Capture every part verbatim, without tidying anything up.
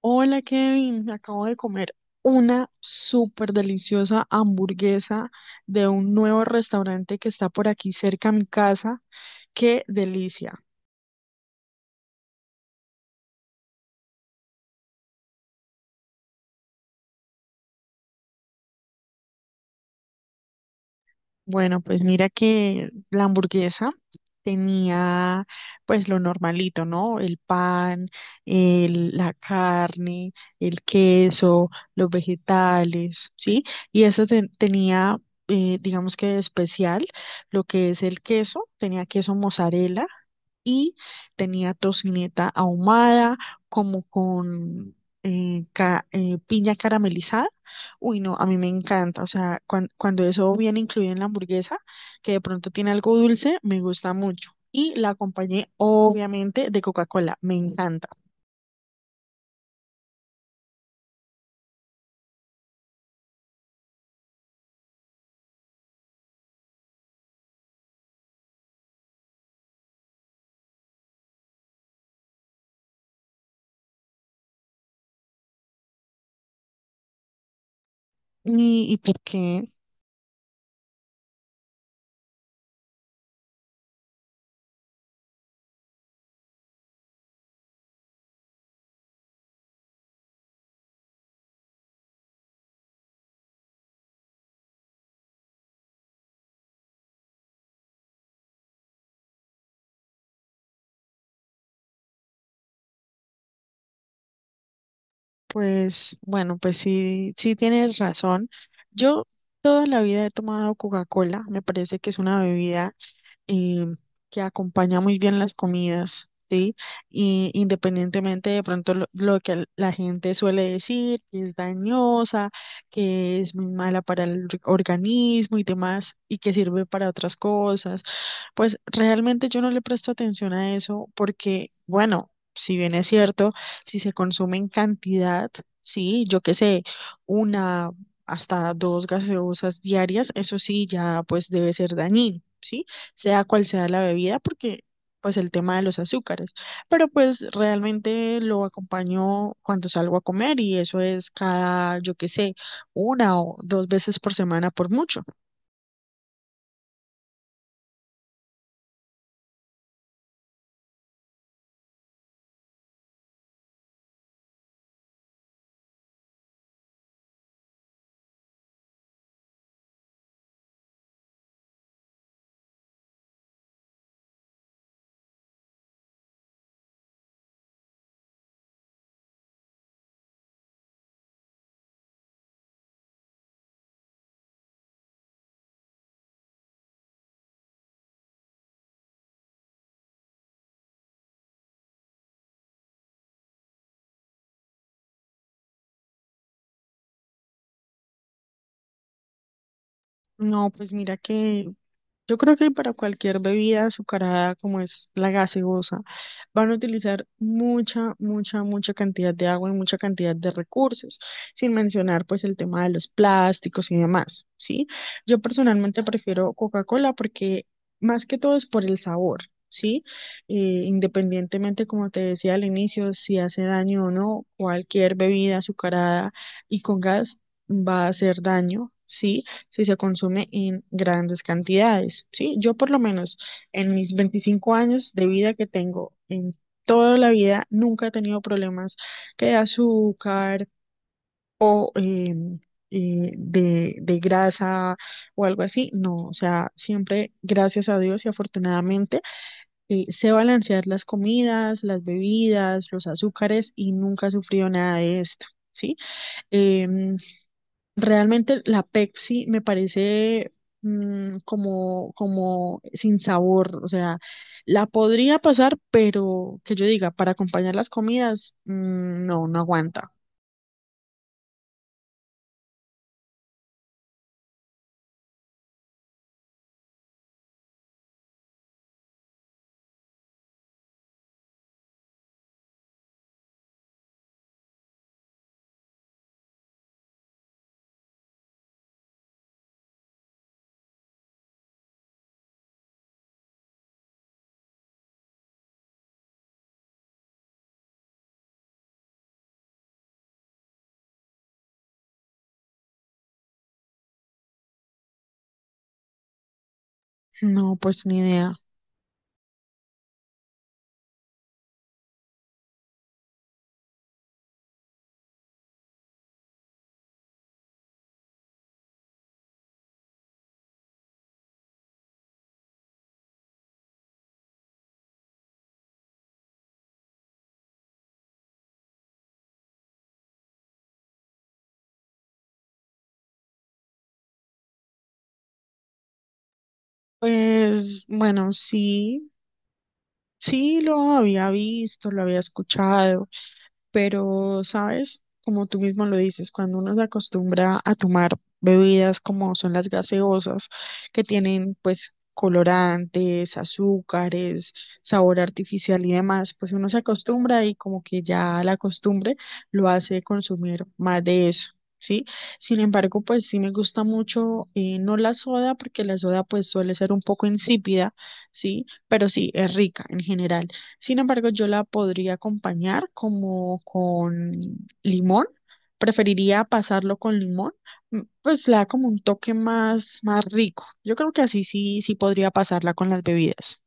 Hola Kevin, me acabo de comer una súper deliciosa hamburguesa de un nuevo restaurante que está por aquí cerca a mi casa. ¡Qué delicia! Bueno, pues mira que la hamburguesa tenía pues lo normalito, ¿no? El pan, el- la carne, el queso, los vegetales, ¿sí? Y esa te- tenía, eh, digamos que de especial, lo que es el queso, tenía queso mozzarella y tenía tocineta ahumada, como con eh, ca- eh, piña caramelizada. Uy, no, a mí me encanta. O sea, cuan- cuando eso viene incluido en la hamburguesa, que de pronto tiene algo dulce, me gusta mucho. Y la acompañé, obviamente, de Coca-Cola. Me encanta. ¿Y, y por qué? Pues, bueno, pues sí, sí tienes razón. Yo toda la vida he tomado Coca-Cola. Me parece que es una bebida eh, que acompaña muy bien las comidas, ¿sí? Y independientemente de pronto lo, lo que la gente suele decir, que es dañosa, que es muy mala para el or- organismo y demás, y que sirve para otras cosas, pues realmente yo no le presto atención a eso porque, bueno, si bien es cierto, si se consume en cantidad, sí, yo qué sé, una hasta dos gaseosas diarias, eso sí ya pues debe ser dañino. ¿Sí? Sea cual sea la bebida, porque pues el tema de los azúcares, pero pues realmente lo acompaño cuando salgo a comer y eso es cada, yo qué sé, una o dos veces por semana por mucho. No, pues mira que yo creo que para cualquier bebida azucarada como es la gaseosa, van a utilizar mucha, mucha, mucha cantidad de agua y mucha cantidad de recursos, sin mencionar pues el tema de los plásticos y demás, ¿sí? Yo personalmente prefiero Coca-Cola porque más que todo es por el sabor, ¿sí? Eh, independientemente, como te decía al inicio, si hace daño o no, cualquier bebida azucarada y con gas va a hacer daño. Sí, si se consume en grandes cantidades, ¿sí? Yo por lo menos en mis veinticinco años de vida que tengo, en toda la vida, nunca he tenido problemas que de azúcar o eh, eh, de, de grasa o algo así, no, o sea, siempre, gracias a Dios y afortunadamente, eh, sé balancear las comidas, las bebidas, los azúcares y nunca he sufrido nada de esto. ¿Sí? Eh, Realmente la Pepsi me parece mm, como, como sin sabor, o sea, la podría pasar, pero que yo diga, para acompañar las comidas, mm, no, no aguanta. No, pues ni idea. Pues bueno, sí, sí lo había visto, lo había escuchado. Pero, ¿sabes? Como tú mismo lo dices, cuando uno se acostumbra a tomar bebidas como son las gaseosas, que tienen pues colorantes, azúcares, sabor artificial y demás, pues uno se acostumbra y como que ya la costumbre lo hace consumir más de eso. Sí, sin embargo, pues sí me gusta mucho, eh, no la soda, porque la soda pues suele ser un poco insípida, sí, pero sí, es rica en general. Sin embargo, yo la podría acompañar como con limón. Preferiría pasarlo con limón, mm, pues le da como un toque más, más rico. Yo creo que así sí, sí podría pasarla con las bebidas.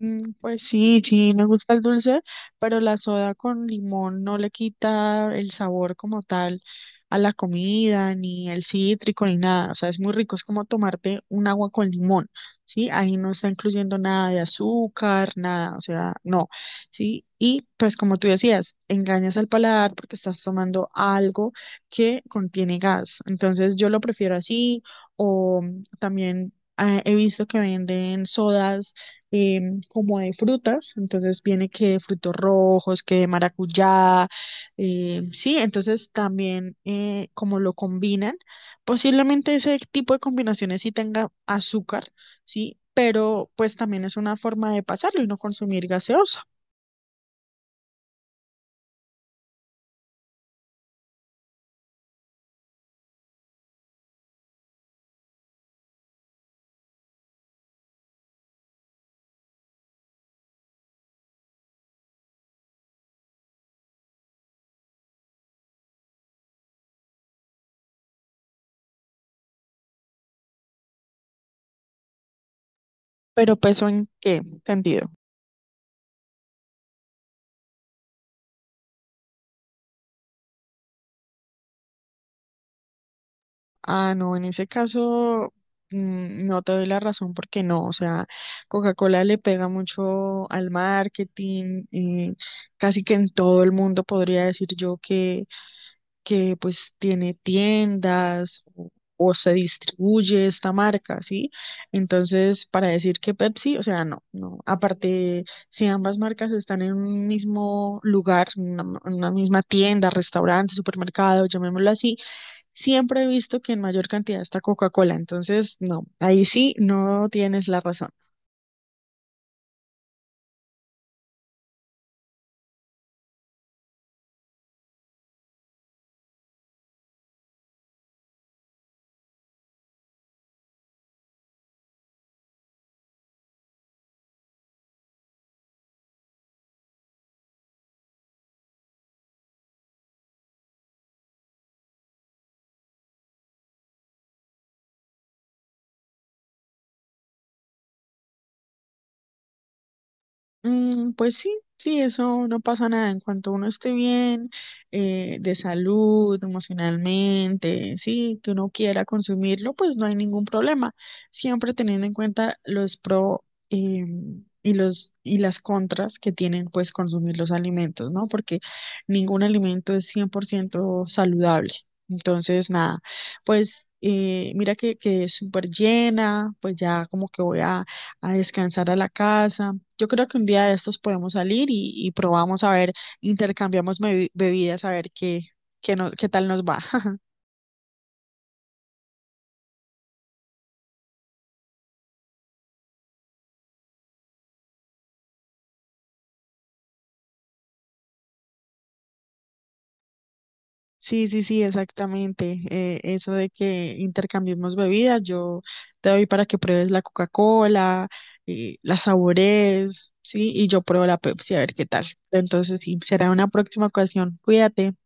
Mm, pues sí, sí, me gusta el dulce, pero la soda con limón no le quita el sabor como tal a la comida, ni el cítrico, ni nada. O sea, es muy rico, es como tomarte un agua con limón, ¿sí? Ahí no está incluyendo nada de azúcar, nada, o sea, no, ¿sí? Y pues como tú decías, engañas al paladar porque estás tomando algo que contiene gas. Entonces yo lo prefiero así, o también ah, he visto que venden sodas em, como de frutas, entonces viene que de frutos rojos, que de maracuyá, eh, sí, entonces también eh, como lo combinan, posiblemente ese tipo de combinaciones sí tenga azúcar, sí, pero pues también es una forma de pasarlo y no consumir gaseosa. ¿Pero peso en qué sentido? Ah, no, en ese caso mm, no te doy la razón porque no, o sea, Coca-Cola le pega mucho al marketing, eh, casi que en todo el mundo podría decir yo que que pues tiene tiendas o, o se distribuye esta marca, ¿sí? Entonces, para decir que Pepsi, o sea, no, no. Aparte, si ambas marcas están en un mismo lugar, en una, m- en una misma tienda, restaurante, supermercado, llamémoslo así, siempre he visto que en mayor cantidad está Coca-Cola. Entonces, no, ahí sí no tienes la razón. Mm, pues sí, sí, eso no pasa nada. En cuanto uno esté bien, eh, de salud, emocionalmente, sí, que uno quiera consumirlo, pues no hay ningún problema. Siempre teniendo en cuenta los pro eh, y los y las contras que tienen, pues, consumir los alimentos, ¿no? Porque ningún alimento es cien por ciento saludable. Entonces, nada, pues eh, mira que quedé súper llena, pues ya como que voy a a descansar a la casa. Yo creo que un día de estos podemos salir y, y probamos a ver, intercambiamos bebi- bebidas a ver qué, qué, no- qué tal nos va. Sí, sí, sí, exactamente. Eh, eso de que intercambiemos bebidas, yo te doy para que pruebes la Coca-Cola, y la saborees, sí, y yo pruebo la Pepsi a ver qué tal. Entonces, sí, será una próxima ocasión. Cuídate.